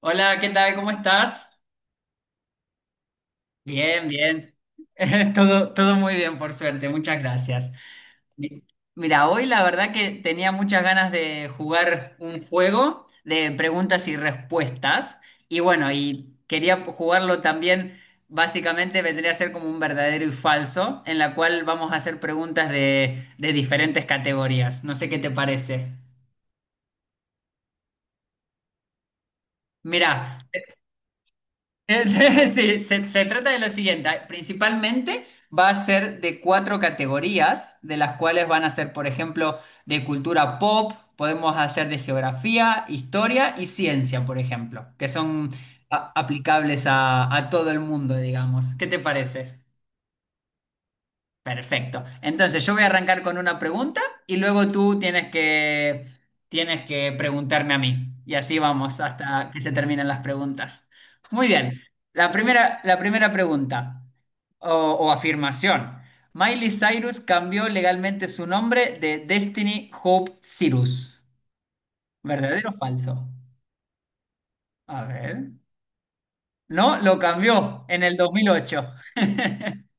Hola, ¿qué tal? ¿Cómo estás? Bien, bien. Todo, todo muy bien, por suerte. Muchas gracias. Mi- Mira, hoy la verdad que tenía muchas ganas de jugar un juego de preguntas y respuestas. Y bueno, y quería jugarlo también, básicamente vendría a ser como un verdadero y falso, en la cual vamos a hacer preguntas de diferentes categorías. No sé qué te parece. Mira, Sí, se trata de lo siguiente. Principalmente va a ser de cuatro categorías, de las cuales van a ser, por ejemplo, de cultura pop, podemos hacer de geografía, historia y ciencia, por ejemplo, que son aplicables a todo el mundo, digamos. ¿Qué te parece? Perfecto. Entonces, yo voy a arrancar con una pregunta y luego tú tienes que preguntarme a mí. Y así vamos hasta que se terminen las preguntas. Muy bien. La primera pregunta o afirmación. Miley Cyrus cambió legalmente su nombre de Destiny Hope Cyrus. ¿Verdadero o falso? A ver. No, lo cambió en el 2008.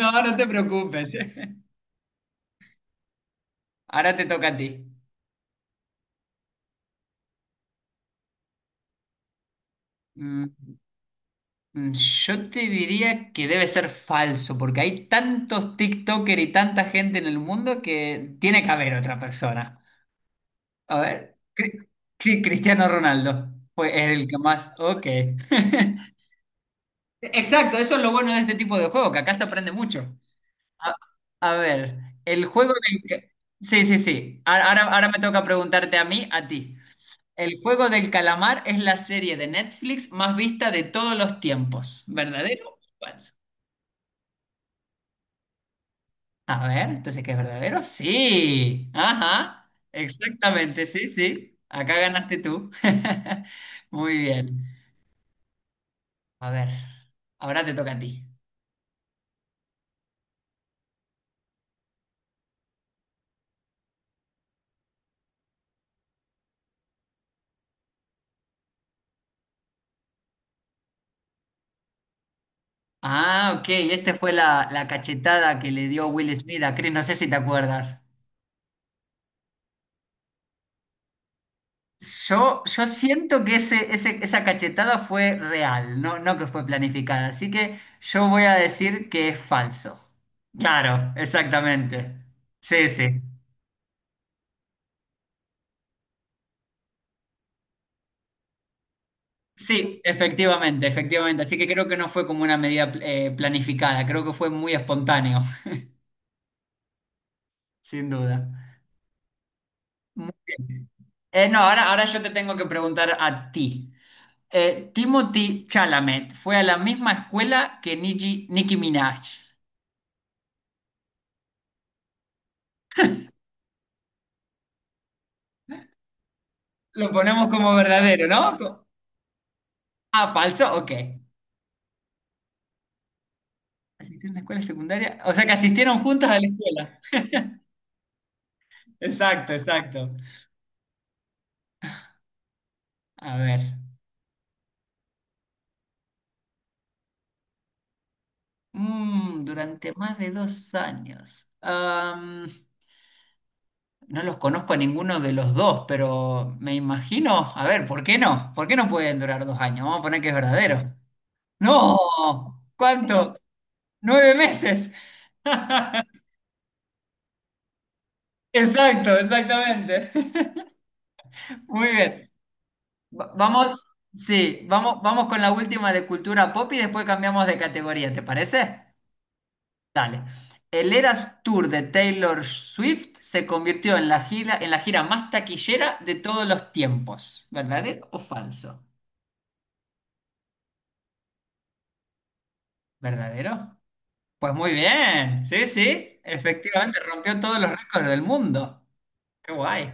No, no te preocupes. Ahora te toca a ti. Mm. Yo te diría que debe ser falso, porque hay tantos TikToker y tanta gente en el mundo que tiene que haber otra persona. A ver, sí, Cristiano Ronaldo fue el que más. Ok. Exacto, eso es lo bueno de este tipo de juego, que acá se aprende mucho. A, a ver, el juego del ca-. Sí, sí, sí. Ahora me toca preguntarte a mí, a ti. El juego del calamar es la serie de Netflix más vista de todos los tiempos, ¿verdadero o falso? A ver, entonces, ¿qué es verdadero? Sí. Ajá. Exactamente, sí, sí. Acá ganaste tú. Muy bien. A ver, ahora te toca a ti. Ah, ok. Esta fue la cachetada que le dio Will Smith a Chris. No sé si te acuerdas. Yo siento que esa cachetada fue real, no, no que fue planificada. Así que yo voy a decir que es falso. Claro, exactamente. Sí, sí. Sí, efectivamente, efectivamente. Así que creo que no fue como una medida planificada, creo que fue muy espontáneo, sin duda. Muy bien. No, ahora yo te tengo que preguntar a ti. Timothy Chalamet fue a la misma escuela que Nicki Minaj. Lo ponemos como verdadero, ¿no? Ah, falso, ok. ¿Asistieron a la escuela secundaria? O sea que asistieron juntas a la escuela. Exacto, exacto. A ver. Durante más de 2 años. No los conozco a ninguno de los dos, pero me imagino, a ver, ¿por qué no? ¿Por qué no pueden durar 2 años? Vamos a poner que es verdadero. No, ¿cuánto? 9 meses. Exacto, exactamente. Muy bien. Vamos, sí, vamos con la última de cultura pop y después cambiamos de categoría, ¿te parece? Dale. El Eras Tour de Taylor Swift se convirtió en la gira más taquillera de todos los tiempos. ¿Verdadero o falso? ¿Verdadero? Pues muy bien. Sí, sí. Efectivamente, rompió todos los récords del mundo. Qué guay.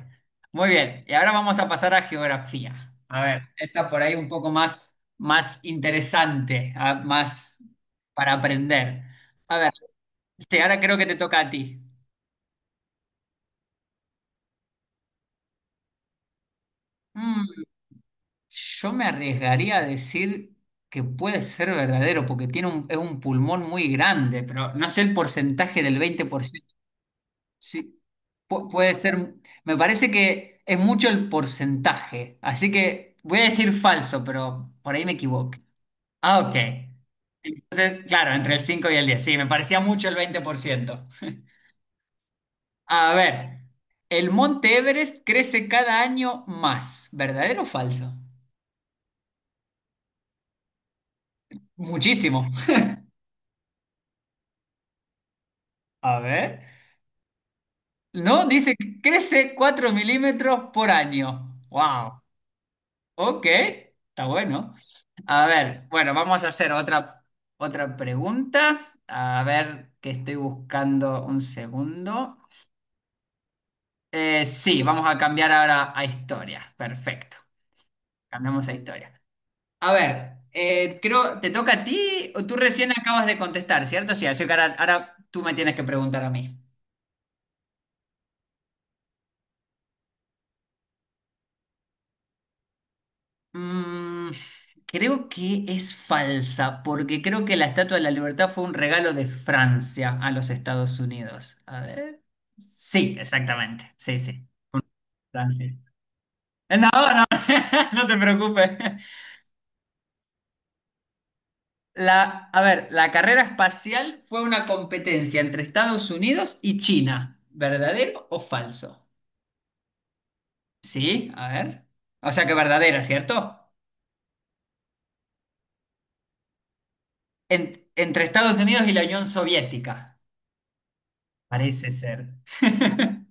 Muy bien. Y ahora vamos a pasar a geografía. A ver, esta por ahí un poco más interesante, ah, más para aprender. A ver, sí, ahora creo que te toca a ti. Mm, Yo me arriesgaría a decir que puede ser verdadero, porque tiene es un pulmón muy grande, pero no sé el porcentaje del 20%. Sí, puede ser, me parece que es mucho el porcentaje, así que voy a decir falso, pero por ahí me equivoco. Ah, ok. Entonces, claro, entre el 5 y el 10. Sí, me parecía mucho el 20%. A ver, el monte Everest crece cada año más. ¿Verdadero o falso? Muchísimo. A ver. No, dice que crece 4 milímetros por año. Wow. Ok, está bueno. A ver, bueno, vamos a hacer otra pregunta. A ver, que estoy buscando un segundo. Sí, vamos a cambiar ahora a historia. Perfecto. Cambiamos a historia. A ver, creo, ¿te toca a ti o tú recién acabas de contestar, cierto? Sí, así que ahora, ahora tú me tienes que preguntar a mí. Mm, creo que es falsa, porque creo que la Estatua de la Libertad fue un regalo de Francia a los Estados Unidos. A ver. Sí, exactamente. Sí, sí. Francia. No, no, no te preocupes. A ver, la carrera espacial fue una competencia entre Estados Unidos y China. ¿Verdadero o falso? Sí, a ver. O sea que verdadera, ¿cierto? Entre Estados Unidos y la Unión Soviética. Parece ser.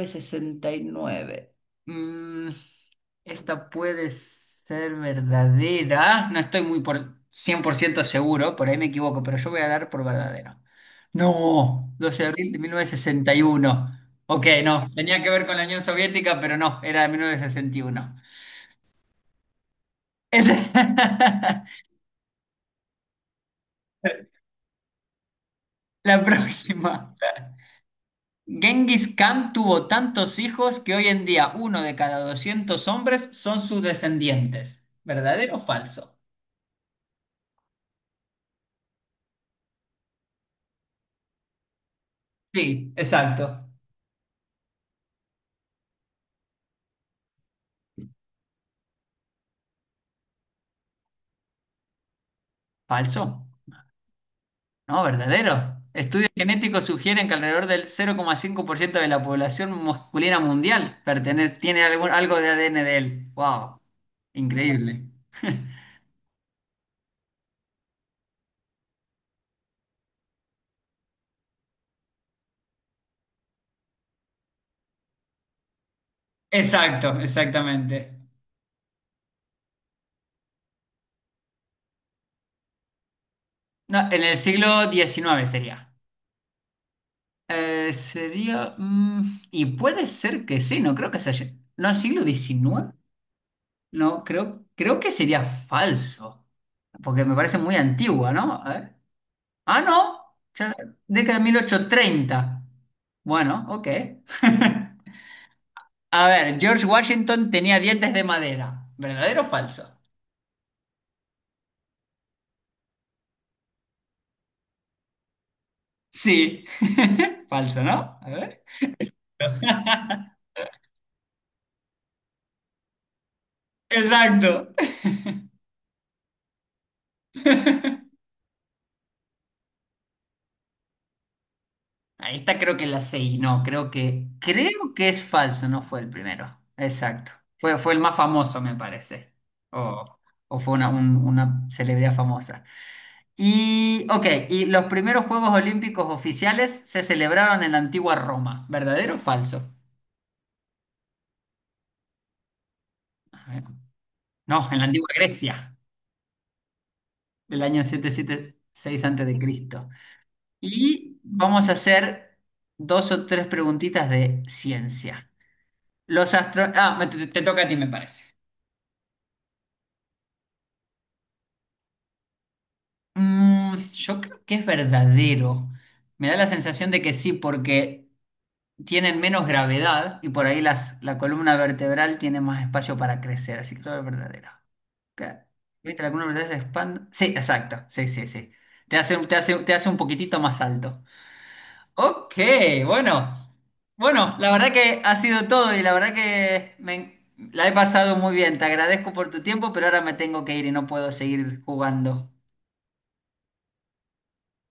1969. Mm, esta puede ser verdadera. No estoy muy por 100% seguro, por ahí me equivoco, pero yo voy a dar por verdadero. No, 12 de abril de 1961. Ok, no, tenía que ver con la Unión Soviética, pero no, era de 1961. Es- La próxima. Genghis Khan tuvo tantos hijos que hoy en día uno de cada 200 hombres son sus descendientes. ¿Verdadero o falso? Sí, exacto. Falso. No, verdadero. Estudios genéticos sugieren que alrededor del 0,5% de la población masculina mundial tiene algún, algo de ADN de él. ¡Wow! Increíble. Exacto, exactamente. No, en el siglo XIX sería. Sería. Y puede ser que sí, no creo que sea. No, siglo XIX. No, creo que sería falso. Porque me parece muy antigua, ¿no? A ver. Ah, no, ya- década de 1830. Bueno, ok. A ver, George Washington tenía dientes de madera. ¿Verdadero o falso? Sí. Falso, ¿no? A ver. Exacto. Ahí está, creo que la 6. No, creo que. Creo que es falso, no fue el primero. Exacto. Fue el más famoso, me parece. O, o fue una celebridad famosa. Y, ok, y los primeros Juegos Olímpicos oficiales se celebraron en la antigua Roma. ¿Verdadero o falso? A ver. No, en la antigua Grecia, del año 776 a.C. Y seis antes de Cristo. Y vamos a hacer dos o tres preguntitas de ciencia. Los astro-. Ah, te toca a ti, me parece. Yo creo que es verdadero. Me da la sensación de que sí, porque tienen menos gravedad y por ahí la columna vertebral tiene más espacio para crecer, así que todo es verdadero. Ca-. ¿Viste? La columna vertebral se expande. Sí, exacto. Sí, sí, sí. Te hace un poquitito más alto. Ok, bueno. Bueno, la verdad que ha sido todo y la verdad que la he pasado muy bien. Te agradezco por tu tiempo, pero ahora me tengo que ir y no puedo seguir jugando.